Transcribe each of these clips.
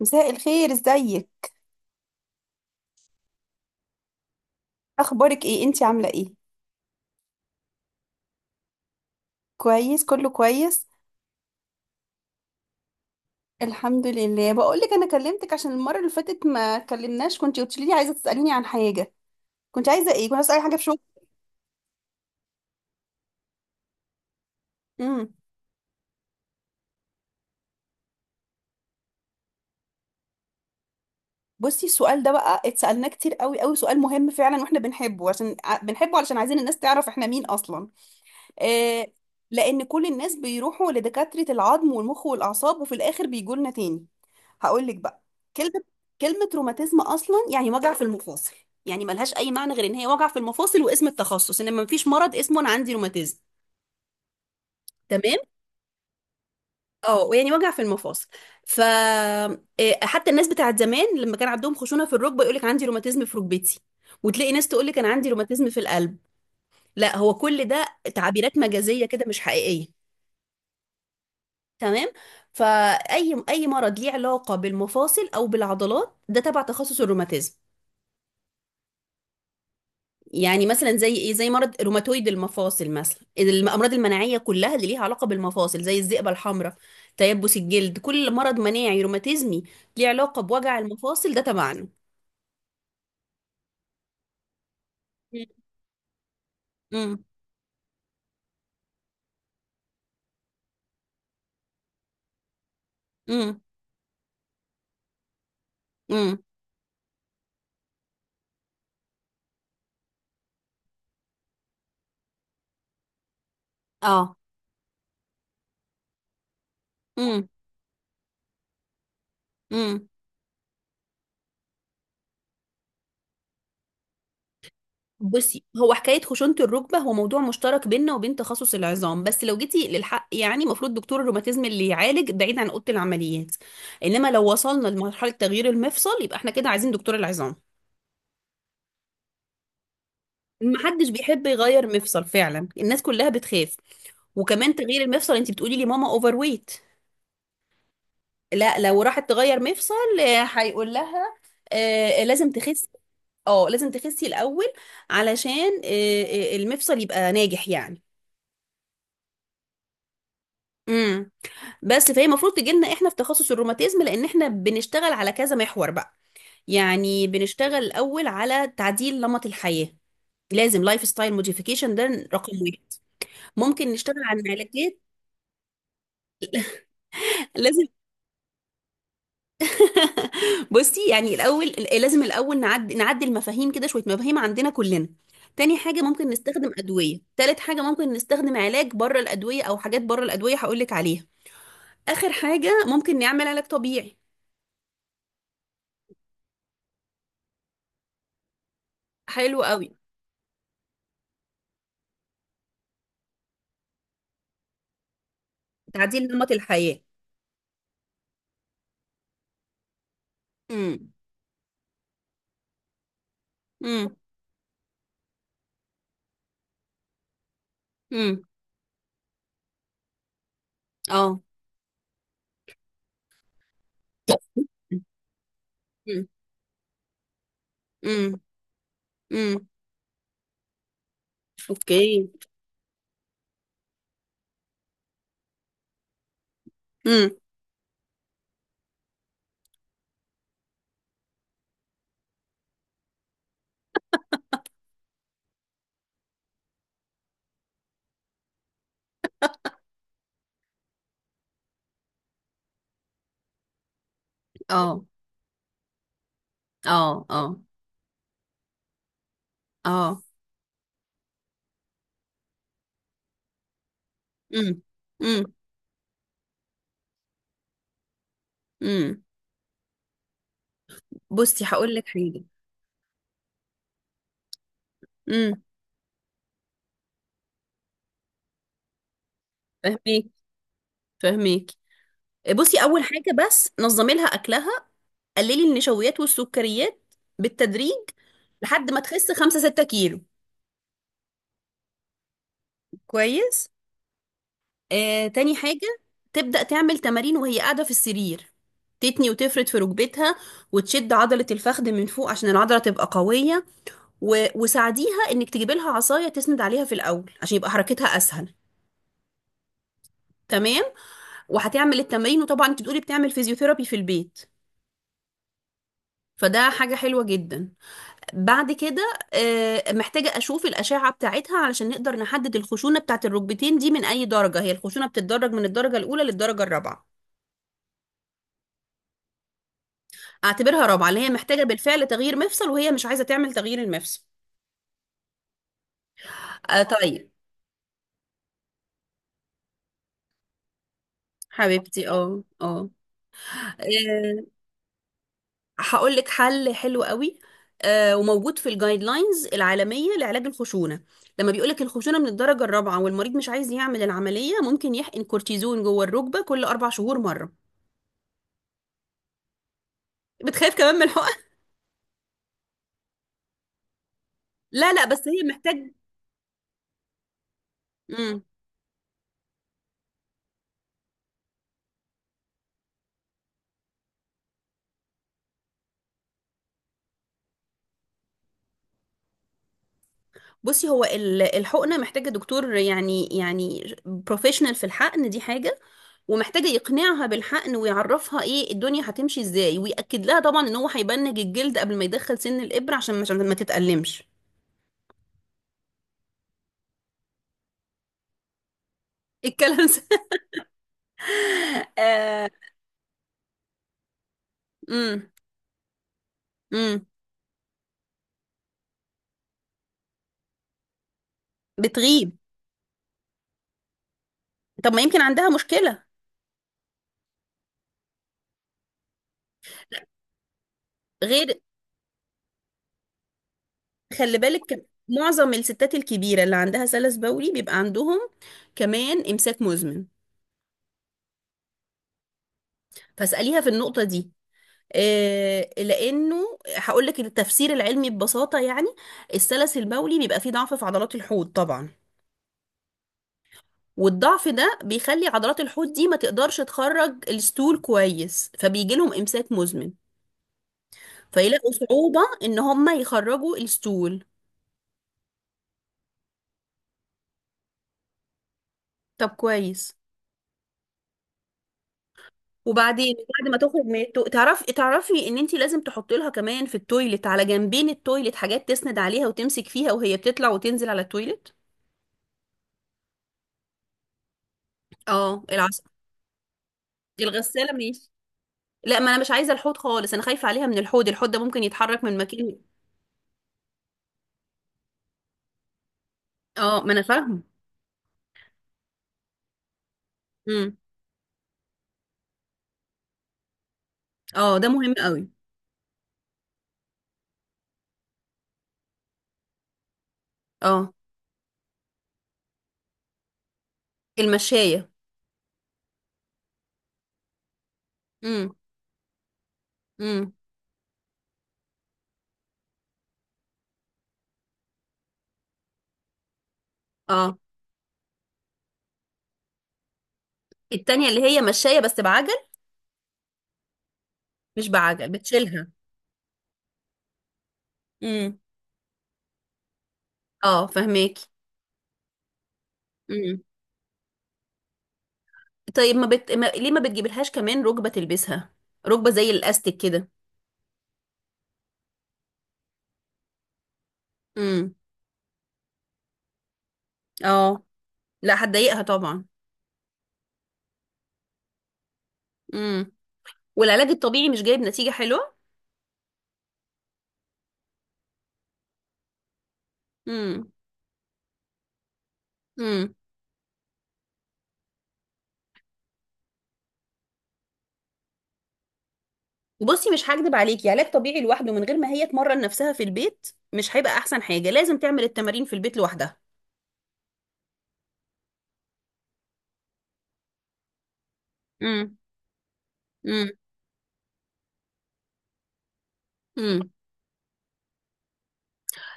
مساء الخير، ازيك؟ اخبارك ايه؟ انتي عامله ايه؟ كويس، كله كويس. الحمد لله. بقول لك انا كلمتك عشان المره اللي فاتت ما كلمناش. كنت قلت لي عايزه تساليني عن حاجه. كنت عايزه ايه؟ كنت عايزه اي حاجه في شغل؟ امم. بصي، السؤال ده بقى اتسالناه كتير قوي قوي، سؤال مهم فعلا، واحنا بنحبه عشان بنحبه علشان عايزين الناس تعرف احنا مين اصلا. آه. لان كل الناس بيروحوا لدكاترة العظم والمخ والاعصاب، وفي الاخر بيجوا لنا تاني. هقول لك بقى. كلمة كلمة روماتيزم اصلا يعني وجع في المفاصل. يعني ملهاش اي معنى غير ان هي وجع في المفاصل، واسم التخصص ان مفيش مرض اسمه انا عندي روماتيزم. تمام، اه، يعني وجع في المفاصل. ف حتى الناس بتاعت زمان لما كان عندهم خشونه في الركبه يقول لك عندي روماتيزم في ركبتي، وتلاقي ناس تقول لك انا عندي روماتيزم في القلب. لا، هو كل ده تعبيرات مجازيه كده، مش حقيقيه. تمام. فاي مرض ليه علاقه بالمفاصل او بالعضلات ده تبع تخصص الروماتيزم. يعني مثلا زي ايه؟ زي مرض روماتويد المفاصل مثلا، الامراض المناعيه كلها اللي ليها علاقه بالمفاصل زي الذئبه الحمراء، تيبس الجلد. كل مرض مناعي روماتيزمي ليه علاقه بوجع المفاصل ده تبعنا. امم. امم. امم. اه. امم. بصي، هو حكاية خشونة الركبة هو موضوع مشترك بيننا وبين تخصص العظام. بس لو جيتي للحق، يعني المفروض دكتور الروماتيزم اللي يعالج بعيد عن أوضة العمليات. إنما لو وصلنا لمرحلة تغيير المفصل، يبقى احنا كده عايزين دكتور العظام. محدش بيحب يغير مفصل فعلا، الناس كلها بتخاف. وكمان تغيير المفصل، انت بتقولي لي ماما اوفر ويت. لا لو راحت تغير مفصل هيقول لها، لازم تخسي. اه لازم تخسي الاول علشان المفصل يبقى ناجح يعني. امم. بس فهي المفروض تجي لنا احنا في تخصص الروماتيزم لان احنا بنشتغل على كذا محور بقى. يعني بنشتغل الاول على تعديل نمط الحياة. لازم لايف ستايل موديفيكيشن، ده رقم واحد. ممكن نشتغل على العلاجات. لازم. بصي، يعني الاول لازم الاول نعدي المفاهيم كده، شويه مفاهيم عندنا كلنا. تاني حاجه ممكن نستخدم ادويه. تالت حاجه ممكن نستخدم علاج بره الادويه، او حاجات بره الادويه هقول لك عليها. اخر حاجه ممكن نعمل علاج طبيعي. حلو قوي. تعديل نمط الحياة. امم. امم. امم. اه. امم. امم. امم. اوكي. امم. اه. اه. اه. اه. امم. امم. امم. بصي هقول لك حاجه. امم. فهميك فهميك. بصي، اول حاجه بس نظمي لها اكلها. قللي النشويات والسكريات بالتدريج لحد ما تخس 5 6 كيلو. كويس. تاني حاجة، تبدأ تعمل تمارين وهي قاعدة في السرير. تتني وتفرد في ركبتها وتشد عضلة الفخذ من فوق عشان العضلة تبقى قوية. وساعديها انك تجيبي لها عصاية تسند عليها في الأول عشان يبقى حركتها أسهل. تمام. وهتعمل التمارين، وطبعا انت بتقولي بتعمل فيزيوثيرابي في البيت، فده حاجة حلوة جدا. بعد كده محتاجة أشوف الأشعة بتاعتها علشان نقدر نحدد الخشونة بتاعت الركبتين دي من أي درجة. هي الخشونة بتتدرج من الدرجة الأولى للدرجة الرابعة. اعتبرها رابعة، اللي هي محتاجة بالفعل تغيير مفصل، وهي مش عايزة تعمل تغيير المفصل. آه طيب. حبيبتي، اه، اه. آه، هقول لك حل حلو قوي، وموجود في الجايد لاينز العالمية لعلاج الخشونة. لما بيقولك الخشونة من الدرجة الرابعة والمريض مش عايز يعمل العملية، ممكن يحقن كورتيزون جوه الركبة كل أربع شهور مرة. بتخاف كمان من الحقن. لا لا، بس هي محتاج. بصي، هو الحقنة محتاجة دكتور، يعني بروفيشنال، في الحقن دي حاجة. ومحتاجة يقنعها بالحقن ويعرفها ايه الدنيا هتمشي ازاي، ويأكد لها طبعا ان هو هيبنج الجلد قبل ما يدخل سن الإبرة عشان ما تتألمش. الكلام ده. آه. امم. امم. بتغيب. طب ما يمكن عندها مشكلة غير، خلي بالك. معظم الستات الكبيرة اللي عندها سلس بولي بيبقى عندهم كمان إمساك مزمن. فاسأليها في النقطة دي. لانه هقول لك التفسير العلمي ببساطه يعني، السلس المولي بيبقى فيه ضعف في عضلات الحوض طبعا، والضعف ده بيخلي عضلات الحوض دي ما تقدرش تخرج الستول كويس، فبيجي لهم امساك مزمن، فيلاقوا صعوبة ان هم يخرجوا الستول. طب كويس. وبعدين بعد ما تخرج من تعرفي ان انت لازم تحط لها كمان في التويلت على جنبين التويلت حاجات تسند عليها وتمسك فيها وهي بتطلع وتنزل على التويلت. اه العصا. الغسالة ماشي. لا، ما انا مش عايزه الحوض خالص، انا خايفه عليها من الحوض. الحوض ده ممكن يتحرك من مكان. اه ما انا فاهمه. امم. اه ده مهم قوي. اه المشايه. امم. امم. اه التانية اللي هي مشايه بس بعجل؟ مش بعجل، بتشيلها. امم. اه فهماكي. امم. طيب، ما ليه ما بتجيبلهاش كمان ركبه تلبسها؟ ركبه زي الاستيك كده. امم. اه. لا هتضايقها طبعا. امم. والعلاج الطبيعي مش جايب نتيجه حلوه؟ امم. امم. بصي، مش هكدب عليكي، علاج طبيعي لوحده من غير ما هي تمرن نفسها في البيت مش هيبقى احسن حاجة. لازم تعمل التمارين في البيت لوحدها. امم. امم. امم.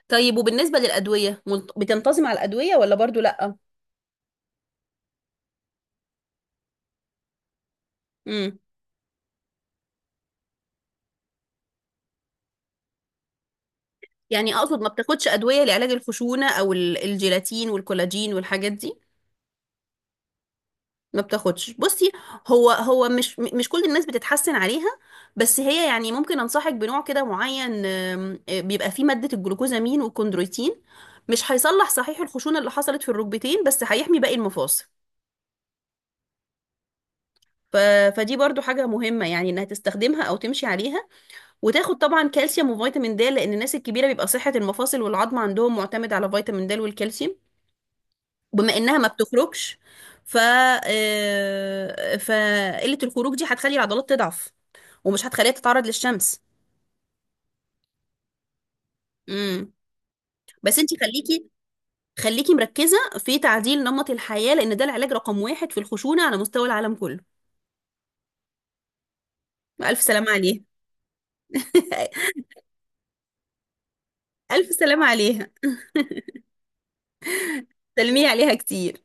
طيب، وبالنسبة للأدوية، بتنتظم على الأدوية ولا برضو لأ؟ امم. يعني اقصد ما بتاخدش أدوية لعلاج الخشونة او الجيلاتين والكولاجين والحاجات دي؟ ما بتاخدش. بصي، هو مش كل الناس بتتحسن عليها، بس هي يعني ممكن انصحك بنوع كده معين، آم، آه، بيبقى فيه مادة الجلوكوزامين والكوندرويتين. مش هيصلح صحيح الخشونة اللي حصلت في الركبتين، بس هيحمي باقي المفاصل. ف... فدي برضو حاجة مهمة يعني، انها تستخدمها او تمشي عليها. وتاخد طبعا كالسيوم وفيتامين د لان الناس الكبيرة بيبقى صحة المفاصل والعظم عندهم معتمد على فيتامين د والكالسيوم. بما انها ما بتخرجش ف آه، فقله الخروج دي هتخلي العضلات تضعف، ومش هتخليها تتعرض للشمس. امم. بس انت خليكي مركزه في تعديل نمط الحياه، لان ده العلاج رقم واحد في الخشونه على مستوى العالم كله. الف سلامه عليه. الف سلامه عليها. سلمي عليها كتير.